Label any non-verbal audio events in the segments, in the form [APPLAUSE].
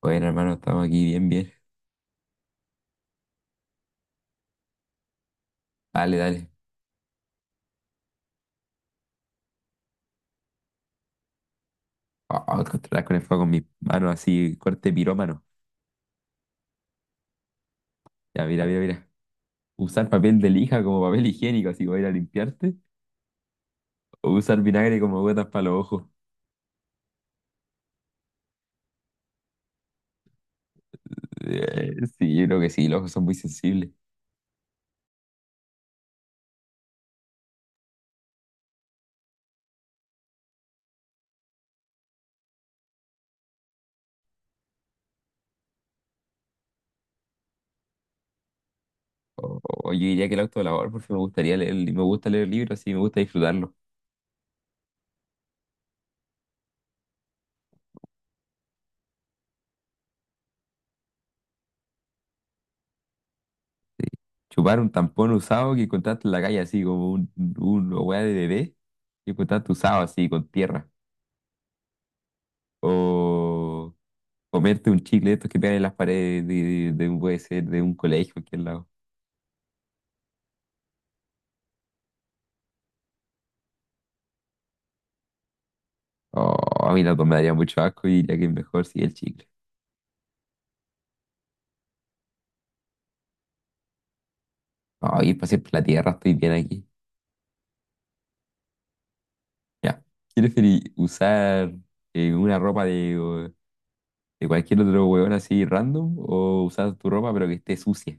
Bueno, hermano, estamos aquí bien, bien. Dale, dale. Oh, controlar con el fuego con mis manos así, corte pirómano. Ya, mira, mira, mira. Usar papel de lija como papel higiénico, así para ir a limpiarte. O usar vinagre como gotas para los ojos. Sí, yo creo que sí, los ojos son muy sensibles. O yo diría que el autolavor, porque me gustaría leer, me gusta leer libros y me gusta disfrutarlo. Chupar un tampón usado que encontraste en la calle, así como un una weá de bebé que encontraste usado, así, con tierra. O. Comerte un chicle de estos que pegan en las paredes de un, puede ser de un colegio, cualquier lado. Oh, a mí la me daría mucho asco y diría que es mejor si el chicle. Oh, ir para siempre por la tierra, estoy bien aquí. Ya. ¿Qué preferís? ¿Usar una ropa de cualquier otro huevón así random o usar tu ropa pero que esté sucia?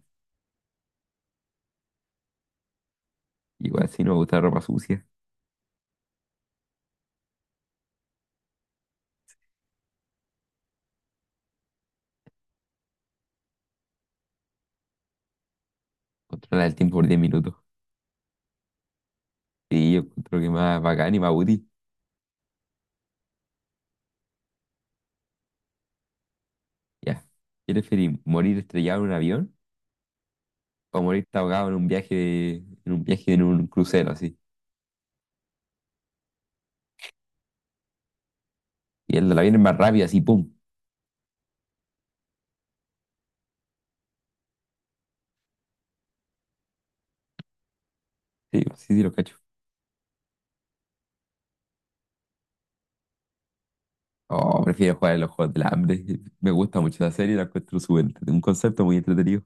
Igual si no me gusta la ropa sucia, controla el tiempo por 10 minutos. Sí, yo creo que más bacán y más útil. Ya. ¿Qué preferís? ¿Morir estrellado en un avión o morir ahogado en un viaje, en un crucero así? Y el de la viene más rápida, así, ¡pum! Sí, sí, sí, lo cacho. Oh, prefiero jugar en los juegos del hambre. [LAUGHS] Me gusta mucho la serie, la encuentro súper un concepto muy entretenido.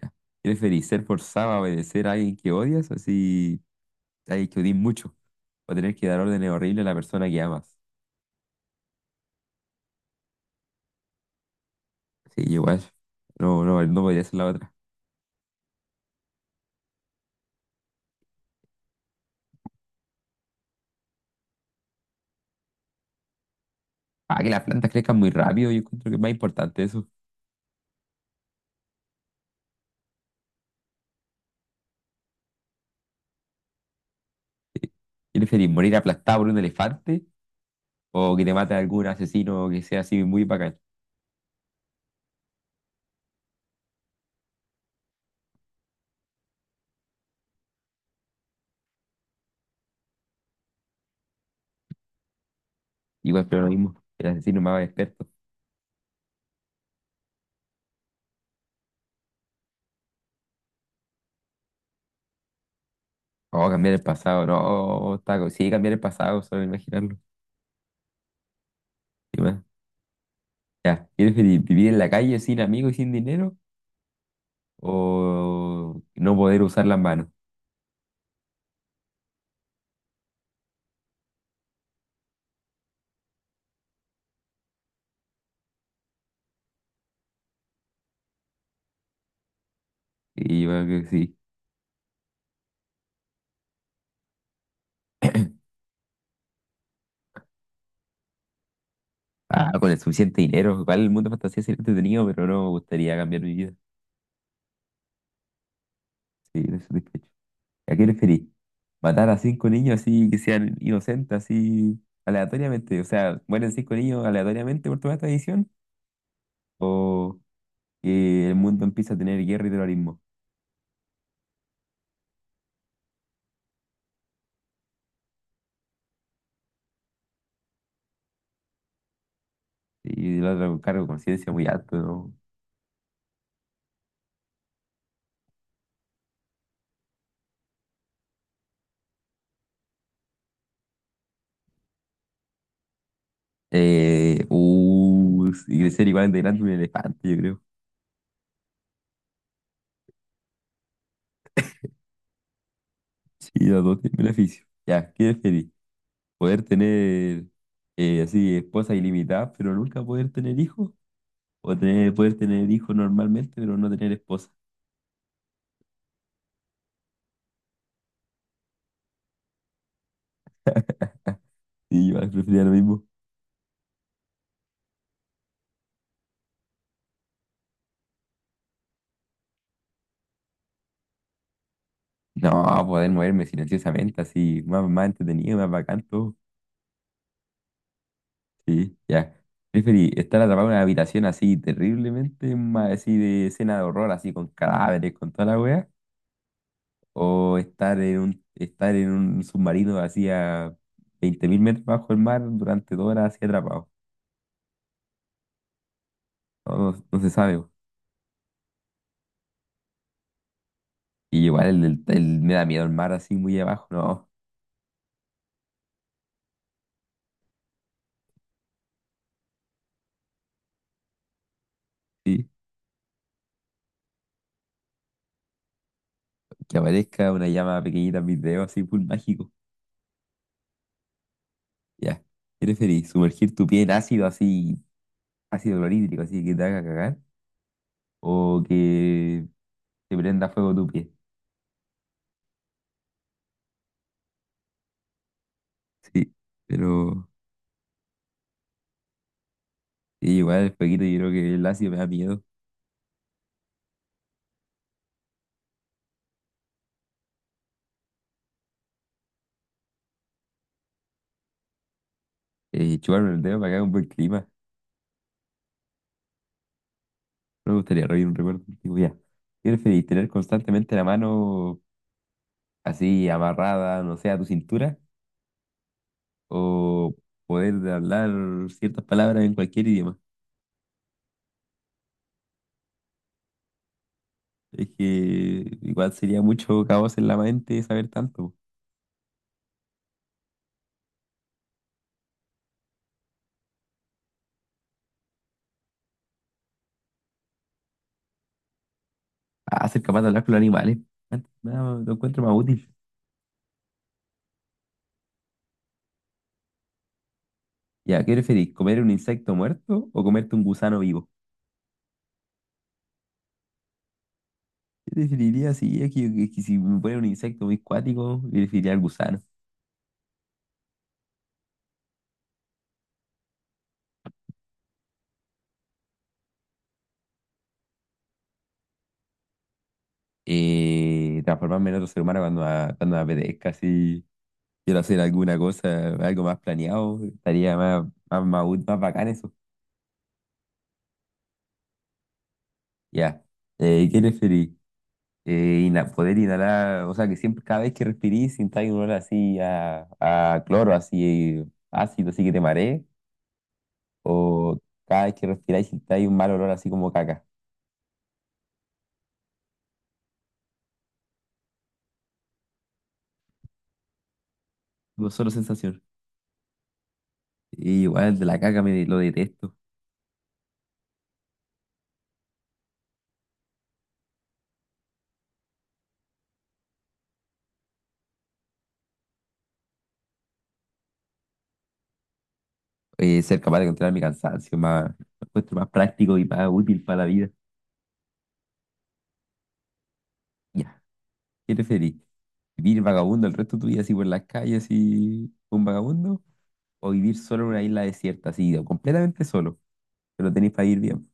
Ya. ¿Preferís ser forzado a obedecer a alguien que odias, así a alguien que odies mucho, o tener que dar órdenes horribles a la persona que amas? Sí, igual. No, no, no podría ser la otra. Ah, que las plantas crezcan muy rápido, yo encuentro que es más importante eso. Sí. ¿Y preferís morir aplastado por un elefante o que te mate algún asesino que sea así muy bacán? Igual, pero lo mismo, el asesino más experto. Oh, cambiar el pasado, no, está, sí, cambiar el pasado, solo imaginarlo. ¿Qué más? Ya, ¿quieres vivir en la calle sin amigos y sin dinero? ¿O no poder usar las manos? Y yo creo que sí. Ah, con el suficiente dinero, igual el mundo de fantasía sería entretenido, pero no me gustaría cambiar mi vida. Sí, no estoy satisfecho. ¿A qué preferís? ¿Matar a cinco niños así que sean inocentes, así aleatoriamente? O sea, ¿mueren cinco niños aleatoriamente por toda esta edición? ¿O que el mundo empieza a tener guerra y terrorismo? Y el otro con cargo de conciencia muy alto, ¿no? Y ser igual de grande un elefante, yo creo. Sí, los dos tienen beneficio. Ya, ¿qué feliz? ¿Poder tener así esposa ilimitada, pero nunca poder tener hijos? ¿O poder tener hijos normalmente, pero no tener esposa? Sí, yo igual preferiría lo mismo. No, poder moverme silenciosamente, así, más, más entretenido, más bacán, todo. Sí, ya. Preferí estar atrapado en una habitación así terriblemente, así de escena de horror, así con cadáveres, con toda la wea, o estar estar en un submarino así a 20.000 metros bajo el mar durante 2 horas así atrapado. No, no se sabe, po. Y igual me da miedo el mar así muy abajo, no. Sí, que aparezca una llama pequeñita en mis dedos así, full mágico. Ya. ¿Qué preferís? ¿Sumergir tu pie en ácido así, ácido clorhídrico, así que te haga cagar? ¿O que te prenda fuego tu pie? Sí, pero sí, igual el fueguito, yo creo que el ácido me da miedo. Chuparme el dedo para que haga un buen clima. No me gustaría revivir un recuerdo antiguo ya. ¿Qué preferís? ¿Tener constantemente la mano así amarrada, no sé, a tu cintura? ¿O poder hablar ciertas palabras en cualquier idioma? Es que igual sería mucho caos en la mente saber tanto. Ah, ser capaz de hablar con los animales. Antes que nada, lo encuentro más útil. Ya, ¿qué preferís? ¿Comer un insecto muerto o comerte un gusano vivo? Yo definiría así, es que si me pone un insecto muy cuático, yo definiría al gusano. Transformarme en otro ser humano cuando me apetezca, si quiero hacer alguna cosa, algo más planeado, estaría más, más, más, más bacán eso. Ya. ¿Qué preferís? Poder inhalar, o sea, que siempre, cada vez que respirís, sintáis un olor así a, cloro, así ácido, así que te marees, o cada vez que respiráis, sintáis un mal olor así como caca. Como solo sensación. Y igual de la caca me lo detesto. Ser capaz de controlar mi cansancio, más, lo encuentro más práctico y más útil para la vida. Ya, ¿qué preferís? ¿Vivir vagabundo el resto de tu vida así por las calles, así un vagabundo? ¿O vivir solo en una isla desierta, así, o completamente solo? Pero tenéis para ir bien.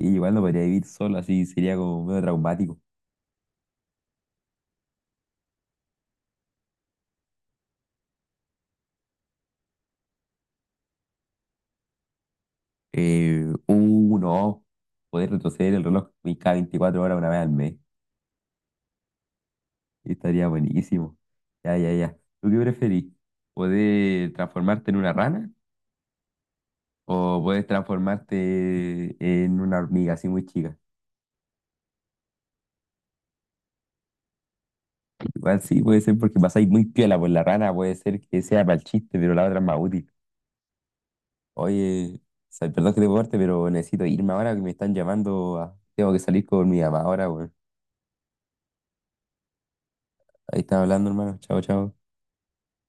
Y igual no podría vivir solo, así sería como medio traumático. No, poder retroceder el reloj cada 24 horas una vez al mes. Estaría buenísimo. Ya, ya, ya. ¿Tú qué preferís? ¿Poder transformarte en una rana? O puedes transformarte en una hormiga así muy chica. Igual sí, puede ser porque pasáis muy piola por la rana, puede ser que sea para el chiste, pero la otra es más útil. Oye, o sea, perdón que te corte, pero necesito irme ahora que me están llamando. Tengo que salir con mi mamá ahora, weón. Ahí están hablando, hermano. Chao, chao.